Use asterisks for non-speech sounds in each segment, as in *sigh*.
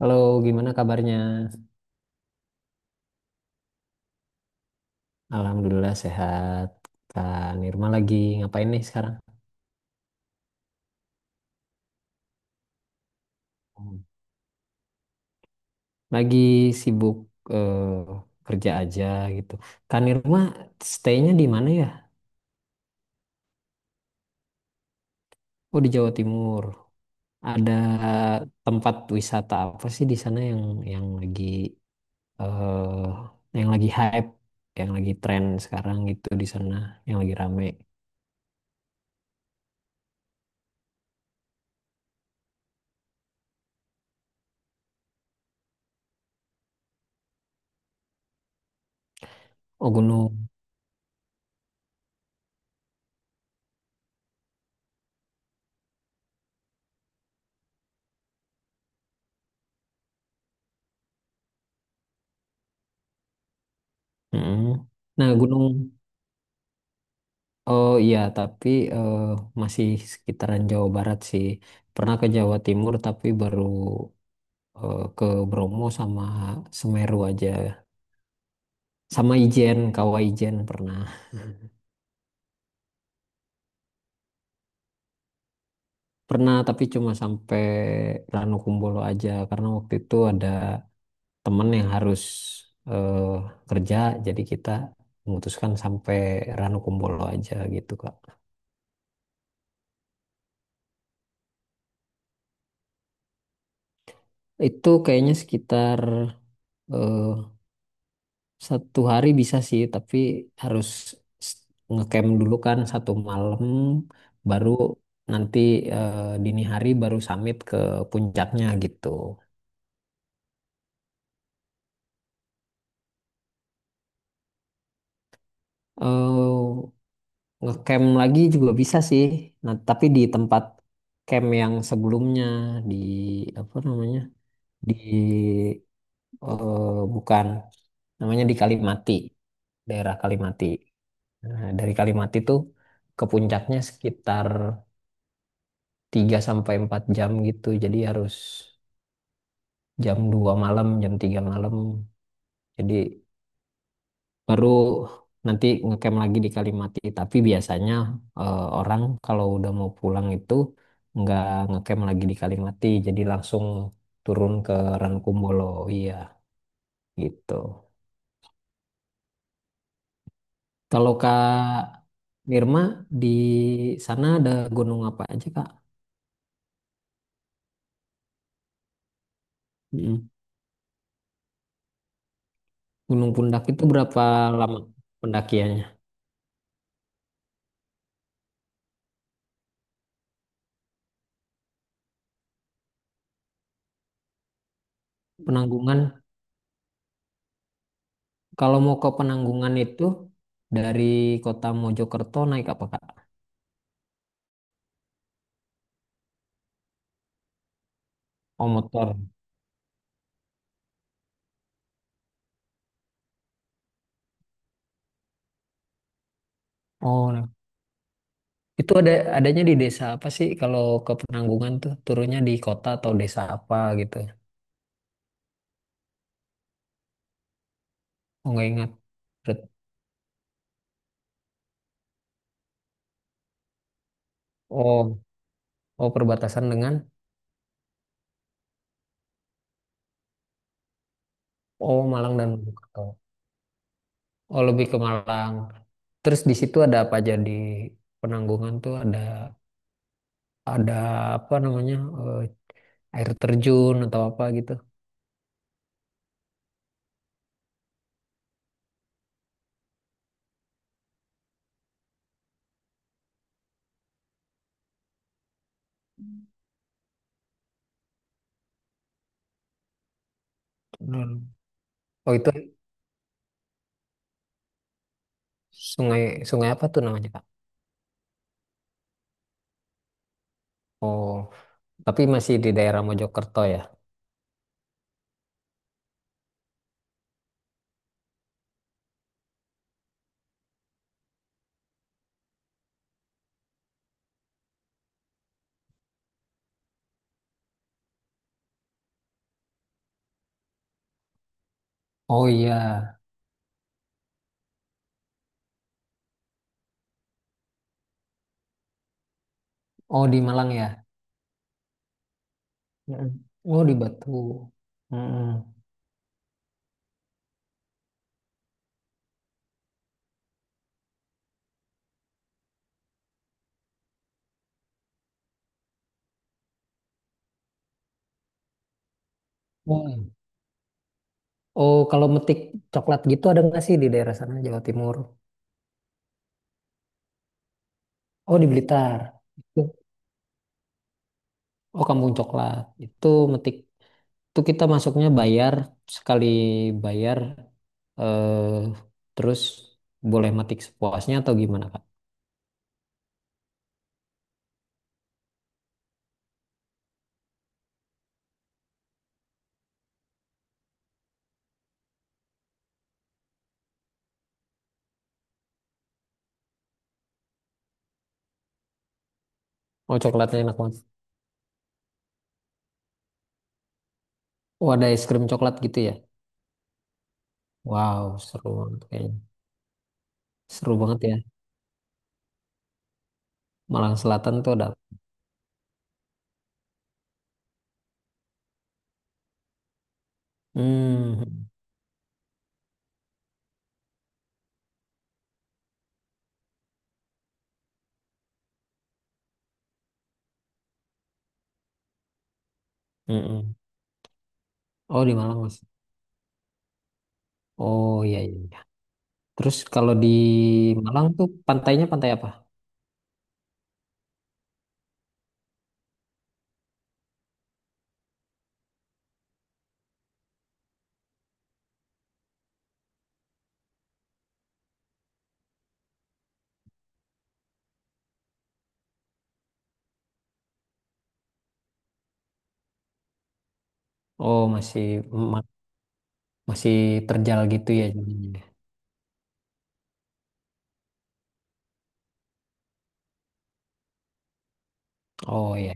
Halo, gimana kabarnya? Alhamdulillah sehat. Kak Nirma lagi ngapain nih sekarang? Hmm. Lagi sibuk eh, kerja aja gitu. Kak Nirma stay-nya di mana ya? Oh, di Jawa Timur. Ada tempat wisata apa sih di sana yang lagi eh yang lagi hype, yang lagi tren sekarang gitu di sana, yang lagi rame? Oh, gunung. Mm-mm. Nah, gunung. Oh iya, tapi eh, masih sekitaran Jawa Barat sih. Pernah ke Jawa Timur tapi baru ke Bromo sama Semeru aja. Sama Ijen, Kawah Ijen pernah. Pernah tapi cuma sampai Ranukumbolo aja karena waktu itu ada temen yang harus eh, kerja jadi kita memutuskan sampai Ranukumbolo aja gitu Kak. Itu kayaknya sekitar eh, satu hari bisa sih, tapi harus s- ngecamp dulu kan satu malam, baru nanti eh, dini hari baru summit ke puncaknya gitu. eh Ngecamp lagi juga bisa sih, nah tapi di tempat camp yang sebelumnya di apa namanya, di bukan, namanya di Kalimati, daerah Kalimati. Nah, dari Kalimati tuh ke puncaknya sekitar 3 sampai 4 jam gitu. Jadi harus jam 2 malam, jam 3 malam. Jadi baru nanti ngecamp lagi di Kalimati. Tapi biasanya orang kalau udah mau pulang itu nggak ngecamp lagi di Kalimati. Jadi langsung turun ke Rankumbolo. Iya, gitu. Kalau Kak Mirma di sana ada gunung apa aja, Kak? Mm. Gunung Pundak itu berapa lama pendakiannya? Penanggungan. Kalau mau ke Penanggungan itu dari kota Mojokerto naik apa Kak? Oh motor. Oh, nah. Itu ada, adanya di desa apa sih kalau ke Penanggungan tuh turunnya di kota atau desa apa gitu? Oh nggak ingat. Bet- Oh, oh perbatasan dengan. Oh Malang dan Mojokerto. Oh lebih ke Malang. Terus di situ ada apa aja di Penanggungan tuh ada apa namanya, eh, air terjun atau apa gitu? Hmm. Oh itu sungai sungai apa tuh namanya Kak? Oh. Tapi masih di daerah Mojokerto ya? Oh iya. Oh di Malang ya? Mm-mm. Oh di Batu. Mm-mm. Oh, oh kalau metik coklat gitu ada nggak sih di daerah sana Jawa Timur? Oh di Blitar. Itu. Oh Kampung Coklat. Itu metik. Itu kita masuknya bayar sekali bayar eh terus boleh metik sepuasnya atau gimana Kak? Oh coklatnya enak banget. Oh ada es krim coklat gitu ya? Wow seru banget kayaknya. Seru banget ya. Malang Selatan tuh ada. Hmm, mm-mm. Oh di Malang mas. Oh iya iya. Iya. Terus kalau di Malang tuh pantainya pantai apa? Oh masih ma- masih terjal gitu ya jadinya. Oh iya.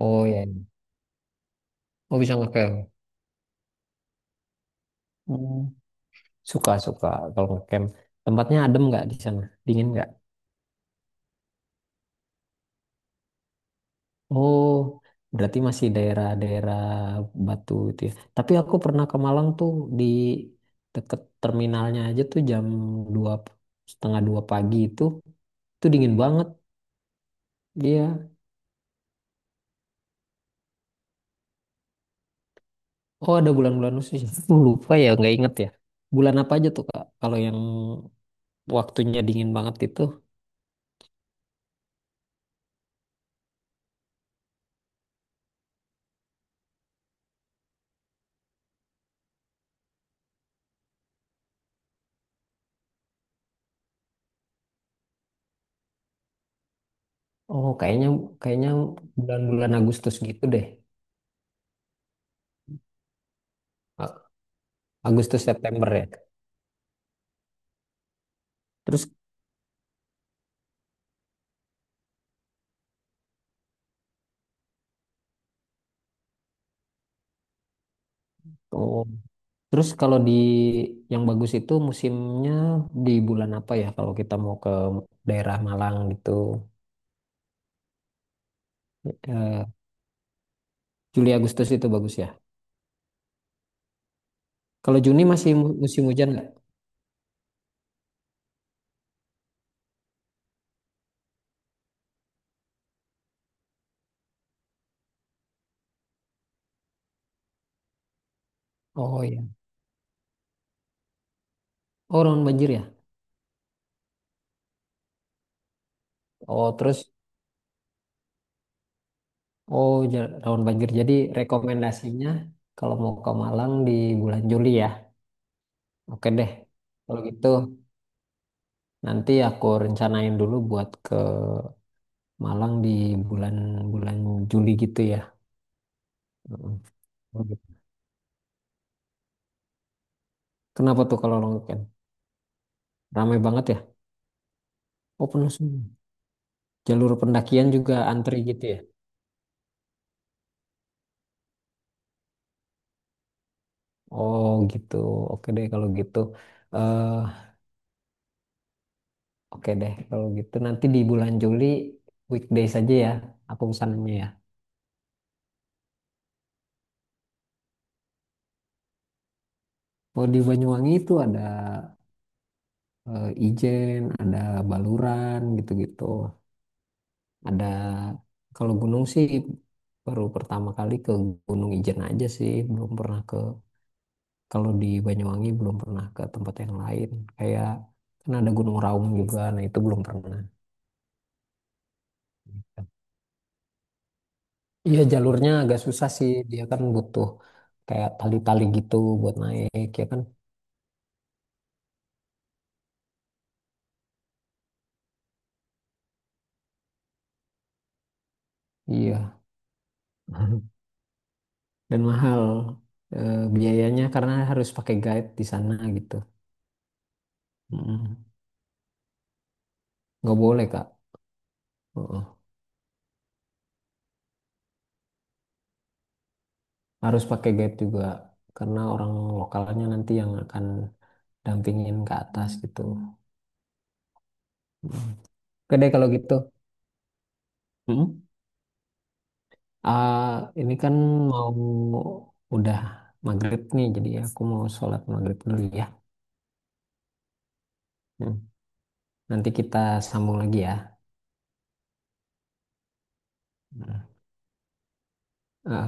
Oh iya. Iya. Oh bisa ngecamp. Hmm. Suka suka kalau ngecamp. Tempatnya adem nggak di sana? Dingin nggak? Oh berarti masih daerah-daerah Batu itu ya. Tapi aku pernah ke Malang tuh di deket terminalnya aja tuh jam dua setengah dua pagi itu dingin banget. Iya. Oh, ada bulan-bulan khusus. *laughs* Aku lupa ya, nggak inget ya. Bulan apa aja tuh, Kak? Kalau yang waktunya dingin banget itu. Oh, kayaknya kayaknya bulan-bulan Agustus gitu deh. A- Agustus September ya. Terus oh, terus kalau di yang bagus itu musimnya di bulan apa ya? Kalau kita mau ke daerah Malang gitu. Eh, Juli Agustus itu bagus ya. Kalau Juni masih musim hujan nggak? Oh iya. Oh, rawan banjir ya. Oh, terus. Oh, tahun banjir. Jadi rekomendasinya kalau mau ke Malang di bulan Juli ya. Oke deh. Kalau gitu nanti aku rencanain dulu buat ke Malang di bulan-bulan Juli gitu ya. Mm. Kenapa tuh kalau long weekend? Ramai banget ya? Oh, penuh semua. Jalur pendakian juga antri gitu ya? Oh, gitu. Oke deh kalau gitu. eh Oke deh kalau gitu nanti di bulan Juli weekdays aja ya. Aku pesannya ya. Oh, di Banyuwangi itu ada Ijen, ada Baluran gitu-gitu. Ada, kalau gunung sih baru pertama kali ke Gunung Ijen aja sih, belum pernah ke, kalau di Banyuwangi belum pernah ke tempat yang lain. Kayak kan ada Gunung Raung juga, nah itu belum pernah. Iya jalurnya agak susah sih, dia kan butuh kayak tali-tali gitu buat naik ya kan. Iya. *laughs* Dan mahal biayanya karena harus pakai guide di sana gitu. Mm. Nggak boleh, Kak. Heeh. Harus pakai guide juga karena orang lokalnya nanti yang akan dampingin ke atas gitu. Oke deh kalau gitu. Mm-mm. Ah, ini kan mau udah maghrib nih, jadi aku mau sholat maghrib dulu ya. Hmm. Nanti kita sambung lagi ya. Hmm.